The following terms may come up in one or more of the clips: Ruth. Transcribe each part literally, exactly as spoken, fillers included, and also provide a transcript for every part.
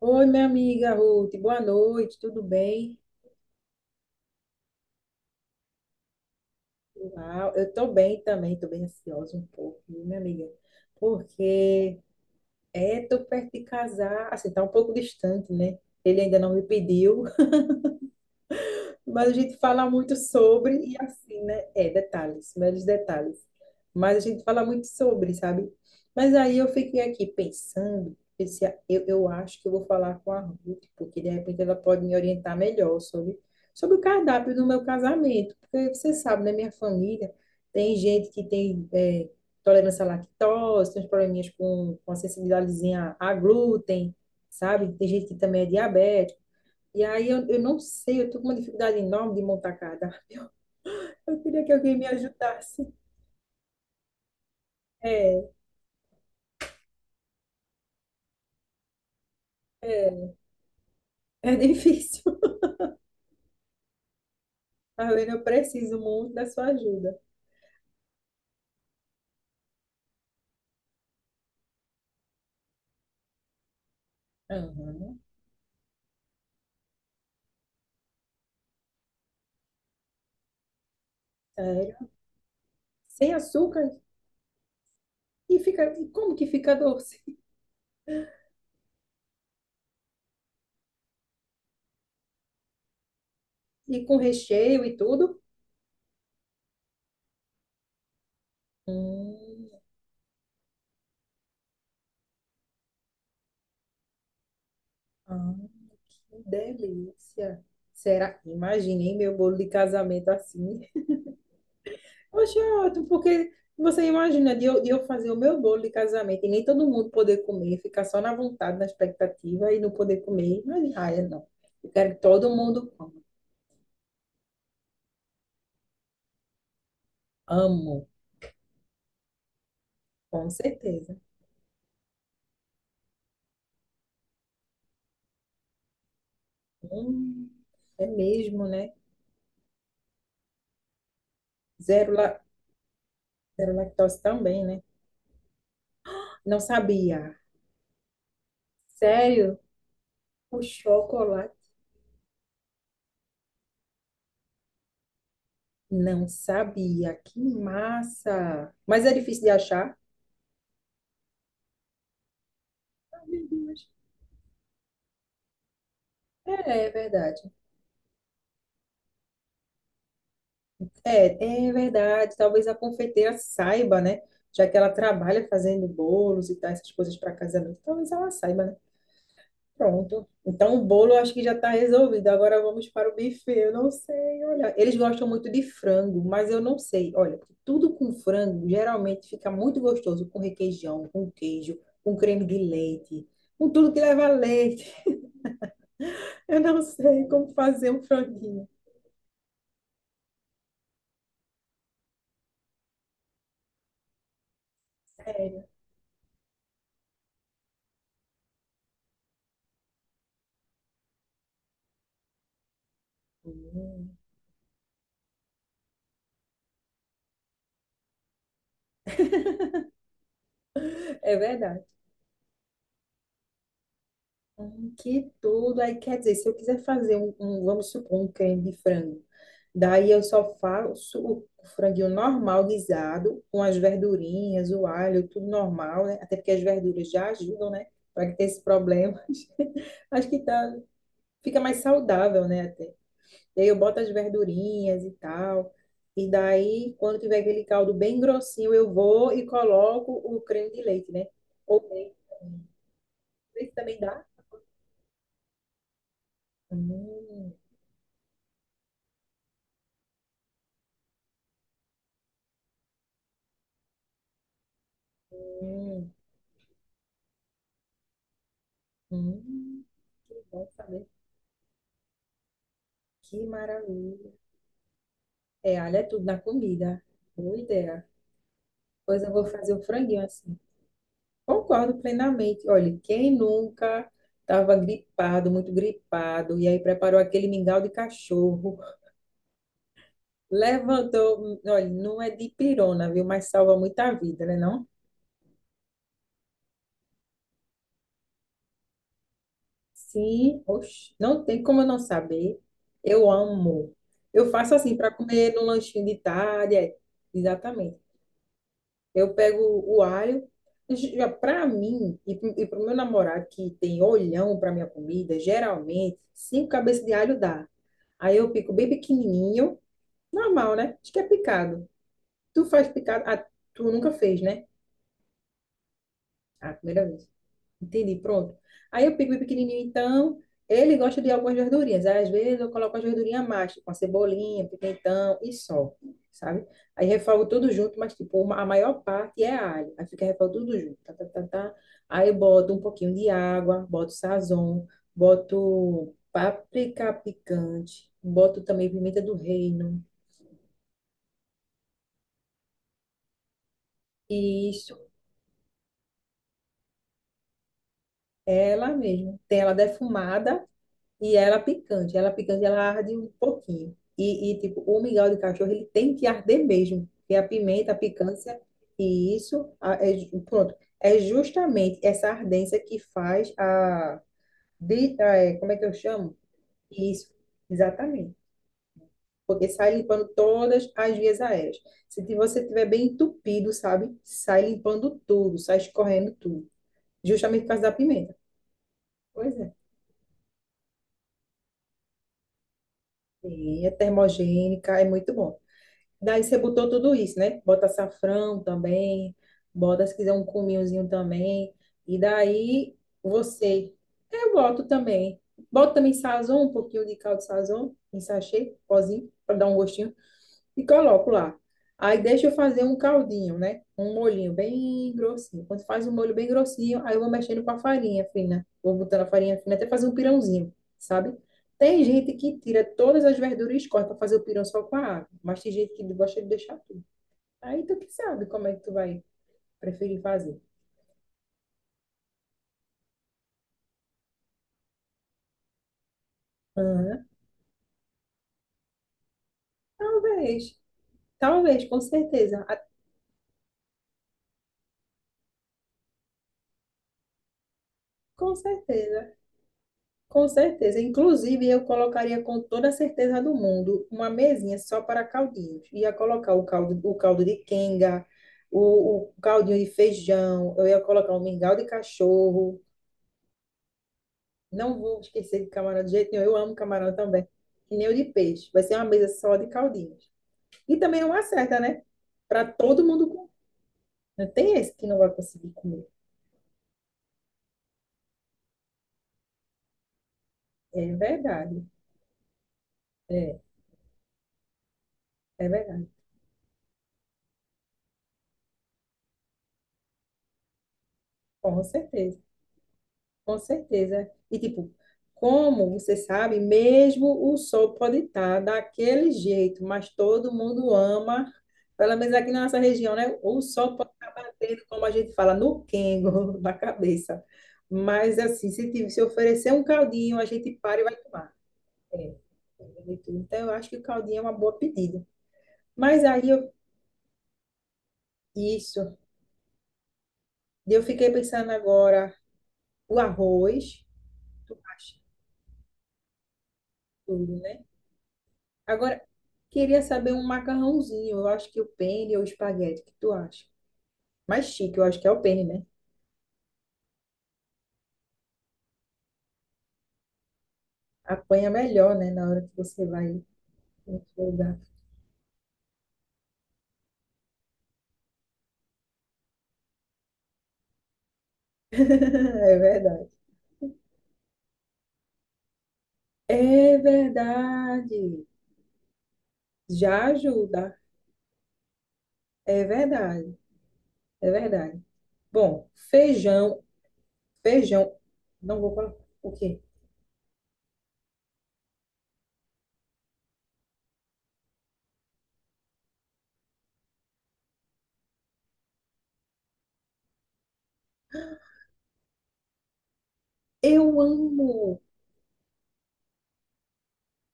Oi, minha amiga Ruth, boa noite, tudo bem? Uau, eu tô bem também, tô bem ansiosa um pouco, viu, minha amiga, porque é, tô perto de casar, assim, tá um pouco distante, né? Ele ainda não me pediu. Mas a gente fala muito sobre, e assim, né? É, detalhes, meros detalhes. Mas a gente fala muito sobre, sabe? Mas aí eu fiquei aqui pensando, pensei, ah, eu, eu acho que eu vou falar com a Ruth, porque de repente ela pode me orientar melhor sobre, sobre o cardápio do meu casamento. Porque você sabe, né? Minha família tem gente que tem é, tolerância à lactose, tem uns probleminhas com, com a sensibilidadezinha a glúten, sabe? Tem gente que também é diabética. E aí eu, eu não sei, eu tô com uma dificuldade enorme de montar cardápio. Eu queria que alguém me ajudasse. É, é, é difícil. Tá vendo? Eu preciso muito da sua ajuda. Aham, sério. Sem açúcar e fica, e como que fica doce? E com recheio e tudo? Hum, ah, que delícia. Será? Imaginei meu bolo de casamento assim. Poxa, é ótimo, porque você imagina de eu, de eu fazer o meu bolo de casamento e nem todo mundo poder comer, ficar só na vontade, na expectativa e não poder comer. Mas, ai, não. Eu quero que todo mundo coma. Amo, com certeza. Hum, é mesmo, né? Zero, la, zero lactose também, né? Não sabia. Sério? O chocolate? Não sabia. Que massa! Mas é difícil de achar? Ai, meu Deus. É, é verdade. É, é verdade. Talvez a confeiteira saiba, né? Já que ela trabalha fazendo bolos e tal, essas coisas para casamento, talvez ela saiba, né? Pronto. Então o bolo eu acho que já está resolvido. Agora vamos para o buffet. Eu não sei, olha. Eles gostam muito de frango, mas eu não sei. Olha, tudo com frango geralmente fica muito gostoso, com requeijão, com queijo, com creme de leite, com tudo que leva leite. Eu não sei como fazer um franguinho. Sério. Hum, É verdade. Hum, Que tudo. Aí quer dizer, se eu quiser fazer um, um, vamos supor, um creme de frango, daí eu só faço o franguinho normal guisado, com as verdurinhas, o alho, tudo normal, né? Até porque as verduras já ajudam, né? Para que ter esses problemas. Acho que tá, fica mais saudável, né? Até. E aí eu boto as verdurinhas e tal. E daí, quando tiver aquele caldo bem grossinho, eu vou e coloco o creme de leite, né? Ou leite, leite também dá. Hum, hum. Hum, que bom saber. Que maravilha. É, alho é tudo na comida. Boa ideia. Pois eu vou fazer um franguinho assim. Concordo plenamente. Olha, quem nunca estava gripado, muito gripado, e aí preparou aquele mingau de cachorro, levantou. Olha, não é de pirona, viu? Mas salva muita vida, né, não? Sim, oxe, não tem como eu não saber. Eu amo. Eu faço assim para comer no lanchinho de tarde. é, exatamente. Eu pego o alho. Já para mim e para o meu namorado que tem olhão para minha comida, geralmente cinco cabeças de alho dá. Aí eu pico bem pequenininho, normal, né? Acho que é picado. Tu faz picado? Ah, tu nunca fez, né? Ah, primeira vez. Entendi, pronto. Aí eu pico o pequenininho, então, ele gosta de algumas verdurinhas. Aí, às vezes eu coloco as verdurinhas a mais, tipo uma cebolinha, pimentão e só, sabe? Aí refogo tudo junto, mas tipo, uma- a maior parte é alho. Aí fica refogo tudo junto, tá, tá, tá, tá. Aí eu boto um pouquinho de água, boto sazon, boto páprica picante, boto também pimenta do reino. Isso, ela mesmo. Tem ela defumada. E ela é picante, ela é picante, ela arde um pouquinho. E, e, tipo, o mingau de cachorro, ele tem que arder mesmo. Porque a pimenta, a picância, e isso, a- é ju- pronto. É justamente essa ardência que faz a, de- a- é, como é que eu chamo? Isso, exatamente. Porque sai limpando todas as vias aéreas. Se ti- Você tiver bem entupido, sabe? Sai limpando tudo, sai escorrendo tudo. Justamente por causa da pimenta. Pois é. Sim, é termogênica, é muito bom. Daí você botou tudo isso, né? Bota açafrão também, bota se quiser um cominhozinho também. E daí você, eu boto também. Bota também sazon, um pouquinho de caldo sazon em sachê, pozinho, para dar um gostinho e coloco lá. Aí deixa eu fazer um caldinho, né? Um molhinho bem grossinho. Quando faz um molho bem grossinho, aí eu vou mexendo com a farinha fina. Vou botando a farinha fina até fazer um pirãozinho, sabe? Tem gente que tira todas as verduras e escorre para fazer o pirão só com a água, mas tem gente que gosta de deixar tudo. Aí tu que sabe como é que tu vai preferir fazer. Aham, Talvez, talvez, com certeza, ah, com certeza. Com certeza. Inclusive, eu colocaria com toda a certeza do mundo uma mesinha só para caldinhos. Ia colocar o caldo, o caldo de quenga, o, o caldinho de feijão, eu ia colocar um mingau de cachorro. Não vou esquecer de camarão de jeito nenhum. Eu amo camarão também. E nem o de peixe. Vai ser uma mesa só de caldinhos. E também é uma certa, né? Para todo mundo comer. Não tem esse que não vai conseguir comer. É verdade. É, é verdade. Com certeza. Com certeza. E tipo, como você sabe, mesmo o sol pode estar daquele jeito, mas todo mundo ama, pelo menos aqui na nossa região, né? O sol pode estar batendo, como a gente fala, no quengo, na cabeça. Mas assim, se, tiver- se oferecer um caldinho, a gente para e vai tomar. É. Então, eu acho que o caldinho é uma boa pedida. Mas aí, eu, isso. Eu fiquei pensando agora, o arroz, tu acha tudo, né? Agora, queria saber um macarrãozinho. Eu acho que o penne ou espaguete, o que tu acha? Mais chique, eu acho que é o penne, né? Apanha melhor, né, na hora que você vai em outro lugar. É verdade. É verdade. Já ajuda. É verdade. É verdade. Bom, feijão, feijão. Não vou falar o quê? Eu amo.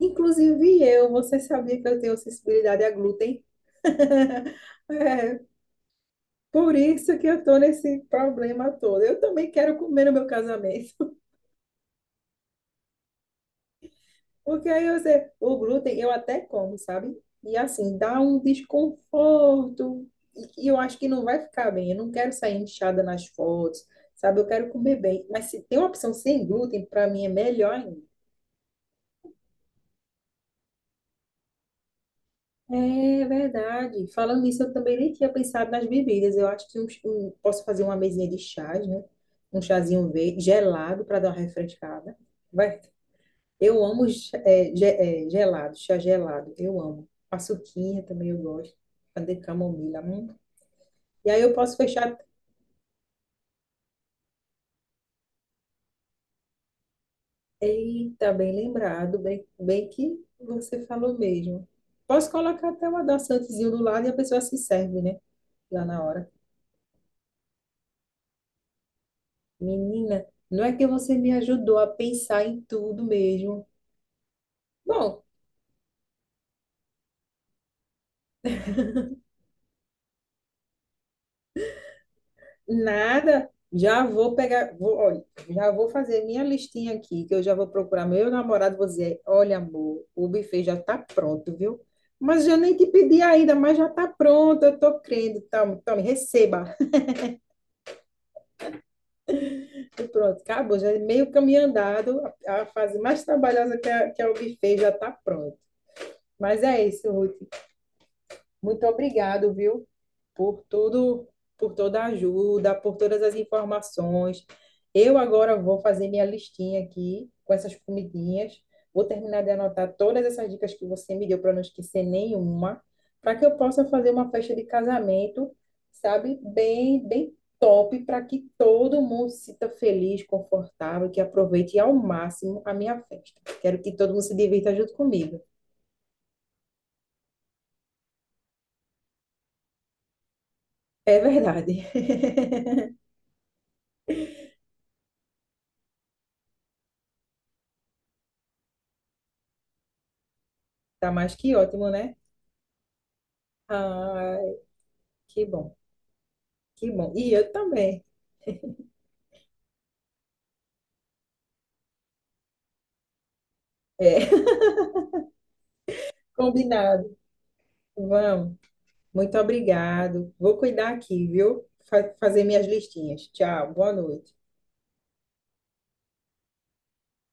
Inclusive eu, você sabia que eu tenho sensibilidade a glúten? É. Por isso que eu estou nesse problema todo. Eu também quero comer no meu casamento. Porque aí eu sei, o glúten eu até como, sabe? E assim, dá um desconforto. E e eu acho que não vai ficar bem. Eu não quero sair inchada nas fotos, sabe? Eu quero comer bem. Mas se tem uma opção sem glúten, para mim é melhor ainda. É verdade. Falando nisso, eu também nem tinha pensado nas bebidas. Eu acho que um, um- posso fazer uma mesinha de chás, né? Um chazinho verde, gelado, para dar uma refrescada. Vai, eu amo, é, ge- é, gelado, chá gelado. Eu amo. Paçoquinha também eu gosto. A de camomila. Hum. E aí eu posso fechar. Eita, bem lembrado. Bem, bem que você falou mesmo. Posso colocar até um adoçantezinho do lado e a pessoa se serve, né? Lá na hora. Menina, não é que você me ajudou a pensar em tudo mesmo. Bom, nada. Já vou pegar, vou, olha, já vou fazer minha listinha aqui, que eu já vou procurar meu namorado, vou dizer, olha, amor, o buffet já tá pronto, viu? Mas já nem te pedi ainda, mas já tá pronto, eu tô crendo, tome, tome, receba. E pronto, acabou, já é meio caminho andado, a, a fase mais trabalhosa que é, que é o buffet já tá pronto. Mas é isso, Ruth. Muito obrigado, viu, por tudo, por toda a ajuda, por todas as informações. Eu agora vou fazer minha listinha aqui com essas comidinhas. Vou terminar de anotar todas essas dicas que você me deu para não esquecer nenhuma, para que eu possa fazer uma festa de casamento, sabe, bem, bem top, para que todo mundo se sinta feliz, confortável, que aproveite ao máximo a minha festa. Quero que todo mundo se divirta junto comigo. É verdade. Tá mais que ótimo, né? Ai, que bom, que bom. E eu também. É, combinado. Vamos. Muito obrigado. Vou cuidar aqui, viu? Fa- fazer minhas listinhas. Tchau, boa noite.